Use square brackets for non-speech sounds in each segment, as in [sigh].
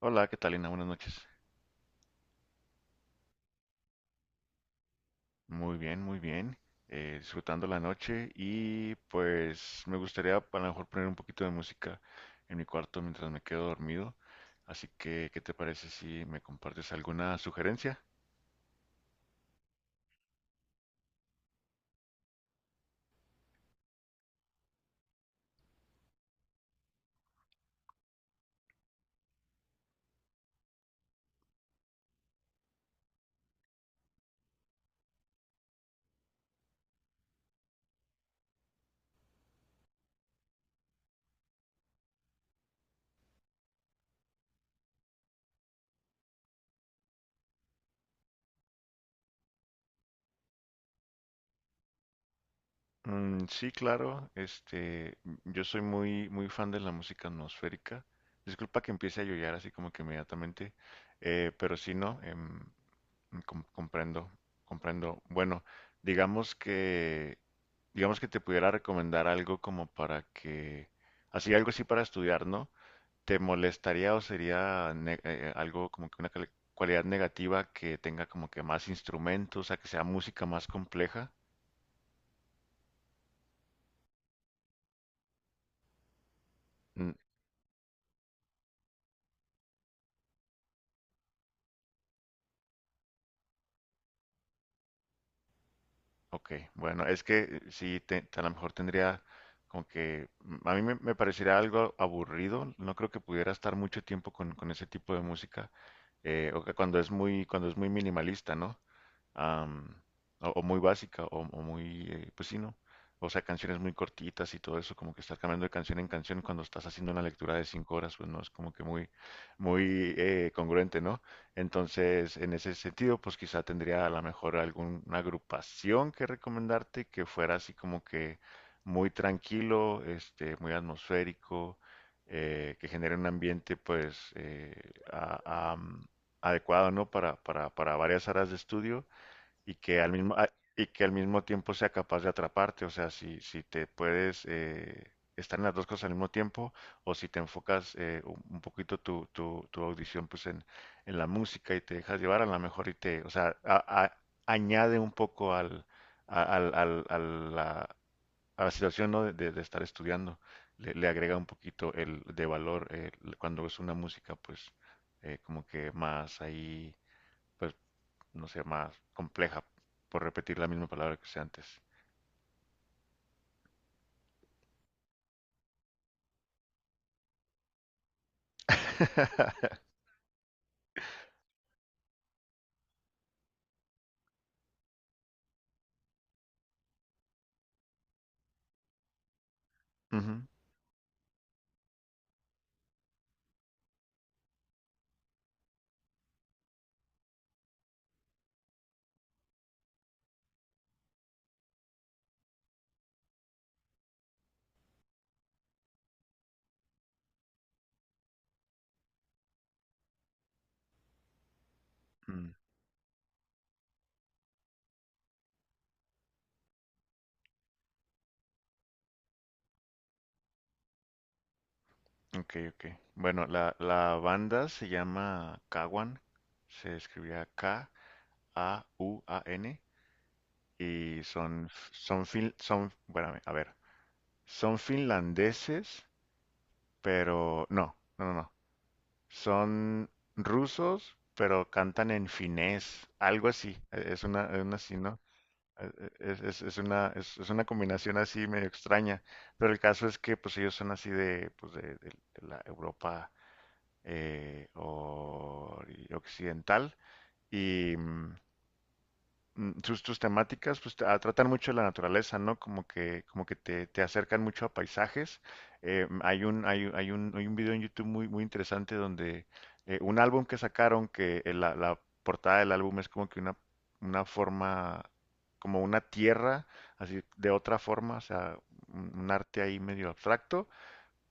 Hola, ¿qué tal, Lina? Buenas noches. Muy bien, muy bien. Disfrutando la noche y pues me gustaría a lo mejor poner un poquito de música en mi cuarto mientras me quedo dormido. Así que, ¿qué te parece si me compartes alguna sugerencia? Mm, sí, claro. Este, yo soy muy, muy fan de la música atmosférica. Disculpa que empiece a llorar así como que inmediatamente, pero sí, no. Mm, comprendo, comprendo. Bueno, digamos que, digamos que te pudiera recomendar algo como para que, así algo así para estudiar, ¿no? ¿Te molestaría o sería algo como que una cualidad negativa que tenga como que más instrumentos, o sea, que sea música más compleja? Mm. Ok, bueno, es que sí, a lo mejor tendría como que, a mí me parecería algo aburrido, no creo que pudiera estar mucho tiempo con ese tipo de música. O que cuando es muy minimalista, ¿no? am, o muy básica o muy, pues sí, ¿no? O sea, canciones muy cortitas y todo eso, como que estás cambiando de canción en canción cuando estás haciendo una lectura de 5 horas, pues no es como que muy, muy congruente, ¿no? Entonces, en ese sentido, pues quizá tendría a lo mejor alguna agrupación que recomendarte que fuera así como que muy tranquilo, este, muy atmosférico, que genere un ambiente, pues, a- am- adecuado, ¿no? Para varias áreas de estudio y que al mismo, a- y que al mismo tiempo sea capaz de atraparte. O sea, si te puedes estar en las dos cosas al mismo tiempo, o si te enfocas un poquito tu audición pues en la música y te dejas llevar, a lo mejor y te, o sea, añade un poco al, a, al- al- a la situación, ¿no? De estar estudiando. Le agrega un poquito el de valor, cuando es una música pues como que más ahí, pues no sé, más compleja, por repetir la misma palabra que usé antes. [laughs] Ujú. Mm. Ok, ok. Bueno, la banda se llama Kawan, se escribía Kauan y son, espérame, a ver, son finlandeses, pero no, no, no, no, son rusos, pero cantan en finés, algo así. Es una combinación así medio extraña, pero el caso es que pues ellos son así de, pues, de la Europa occidental y, sus temáticas pues tratan mucho de la naturaleza, ¿no? Como que te acercan mucho a paisajes. Hay un video en YouTube muy, muy interesante donde un álbum que sacaron que la portada del álbum es como que una forma, como una tierra, así de otra forma, o sea, un arte ahí medio abstracto,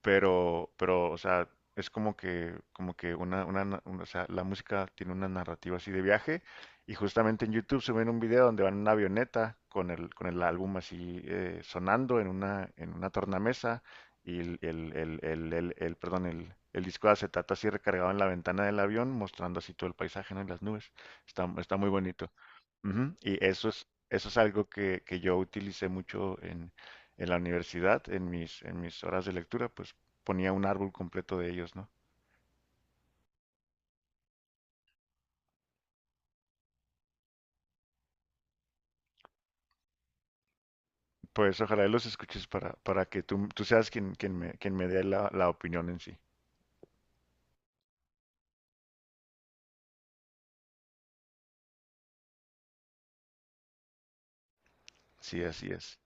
pero, o sea, es como que una, na- una- o sea, la música tiene una narrativa así de viaje, y justamente en YouTube suben un video donde van en una avioneta con el álbum así sonando en una tornamesa, y perdón, el disco de acetato así recargado en la ventana del avión, mostrando así todo el paisaje, ¿no? Y las nubes. Está muy bonito. Ujú. Y eso es algo que yo utilicé mucho en la universidad, en en mis horas de lectura, pues ponía un árbol completo de ellos, ¿no? Pues ojalá y los escuches para que tú seas quien me dé la opinión en sí. Sí, así es.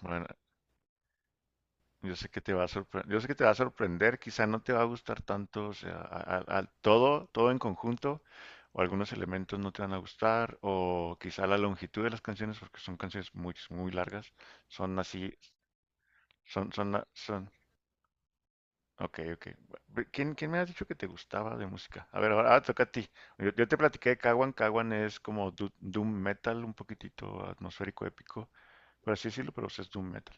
Bueno, yo sé que te va a sorprender, yo sé que te va a sorprender, quizá no te va a gustar tanto, o sea, todo en conjunto, o algunos elementos no te van a gustar, o quizá la longitud de las canciones, porque son canciones muy, muy largas, son así. Son. Ok, ok. Quién me has dicho que te gustaba de música? A ver, ahora, toca a ti. Yo te platiqué de Kawan. Kawan es como doom metal, un poquitito atmosférico, épico. Por así decirlo, pero es doom metal.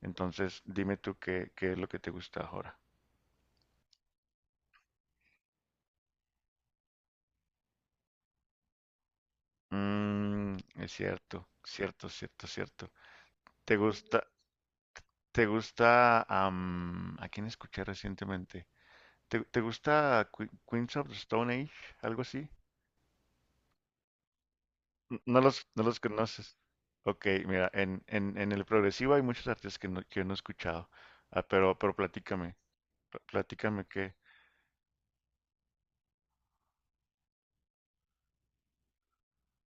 Entonces, dime tú qué es lo que te gusta ahora. Mm, es cierto, cierto, cierto, cierto. ¿Te gusta, a quién escuché recientemente? Te gusta Queens of the Stone Age? ¿Algo así? No no los conoces. Ok, mira, en el progresivo hay muchos artistas que no he escuchado. Ah, pero platícame, platícame que…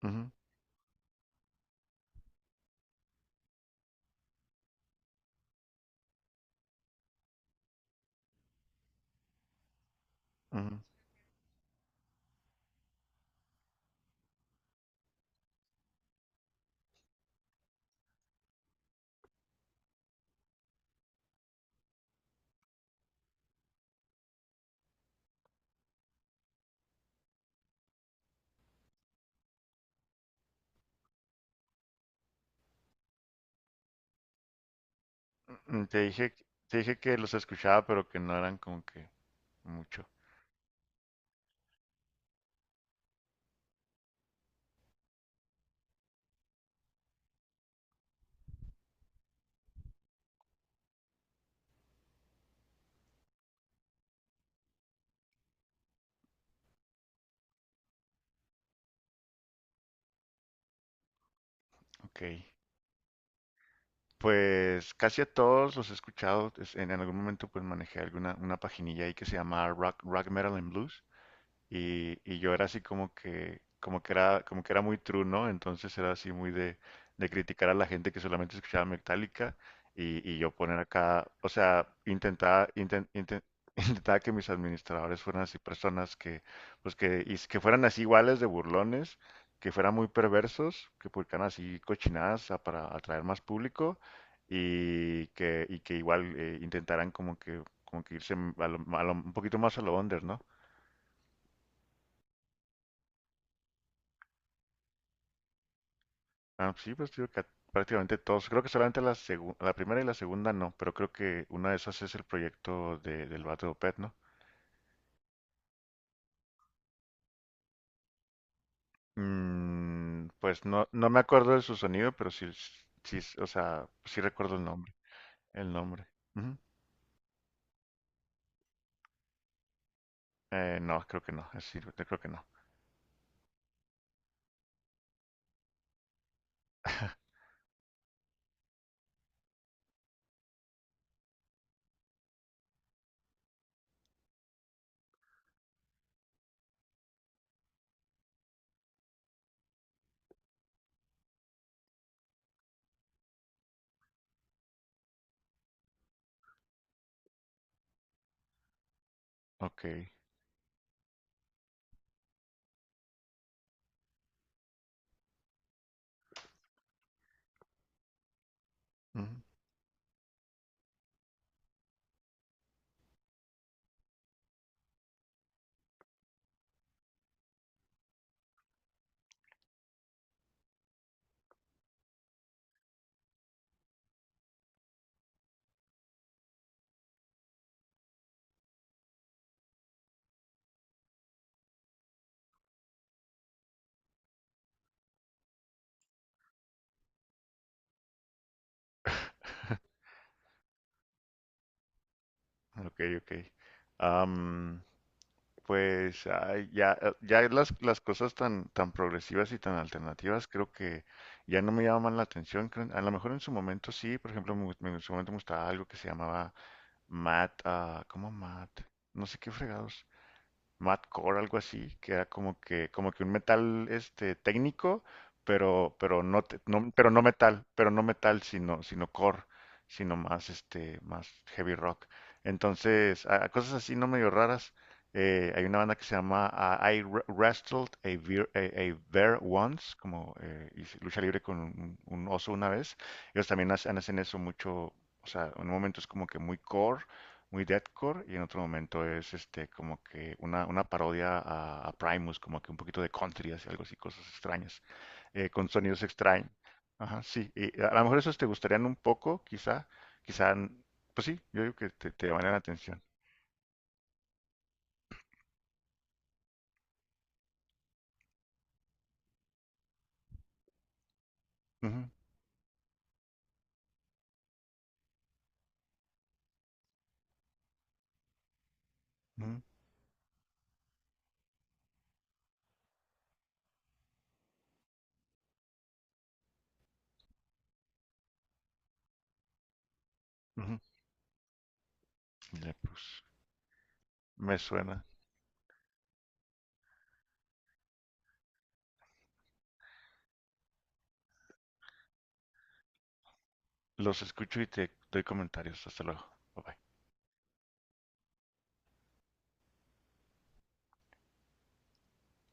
Ujú, ujú. Mm, te dije que los escuchaba, pero que no eran como que mucho. Ok. Pues casi a todos los he escuchado. En algún momento pues manejé alguna una paginilla ahí que se llama Rock Metal and Blues. Y yo era así como que era muy true, ¿no? Entonces era así muy de criticar a la gente que solamente escuchaba Metallica, y yo poner acá, o sea, [laughs] intentaba que mis administradores fueran así personas que, y que fueran así iguales de burlones, que fueran muy perversos, que publicaran así cochinadas, para atraer más público, y que igual, intentaran como que irse a lo- un poquito más a lo under, ¿no? Ah, sí, pues digo que prácticamente todos. Creo que solamente la primera y la segunda no, pero creo que una de esas es el proyecto del vato de Opeth, ¿no? Mm, pues no me acuerdo de su sonido, pero sí, sí, sí, o sea, sí recuerdo el nombre, el nombre. Ujú. No, creo que no, es sí, yo creo que no. [laughs] Ok. Ujú. [laughs] Ok, ok. Am, Pues ay, ya, ya las cosas tan, tan progresivas y tan alternativas creo que ya no me llaman la atención. A lo mejor en su momento sí, por ejemplo, en su momento me gustaba algo que se llamaba Math, ¿cómo Math? No sé qué fregados. Madcore, algo así, que era como que un metal este técnico, pero no, pero no metal, sino core, sino más este, más heavy rock. Entonces, a cosas así no medio raras. Hay una banda que se llama, I Wrestled a Bear, a Bear Once, como hice lucha libre con un oso una vez. Ellos también hacen eso mucho, o sea, en un momento es como que muy core, muy deathcore, y en otro momento es este como que una parodia a Primus, como que un poquito de country, así algo así, cosas extrañas, con sonidos extraños. Ajá, sí, y a lo mejor esos te gustarían un poco, quizá, quizá, n- pues sí, yo digo que te llaman la atención. Ujú, ujú, ujú. Leprous, me suena. Los escucho y te doy comentarios. Hasta luego. Bye bye.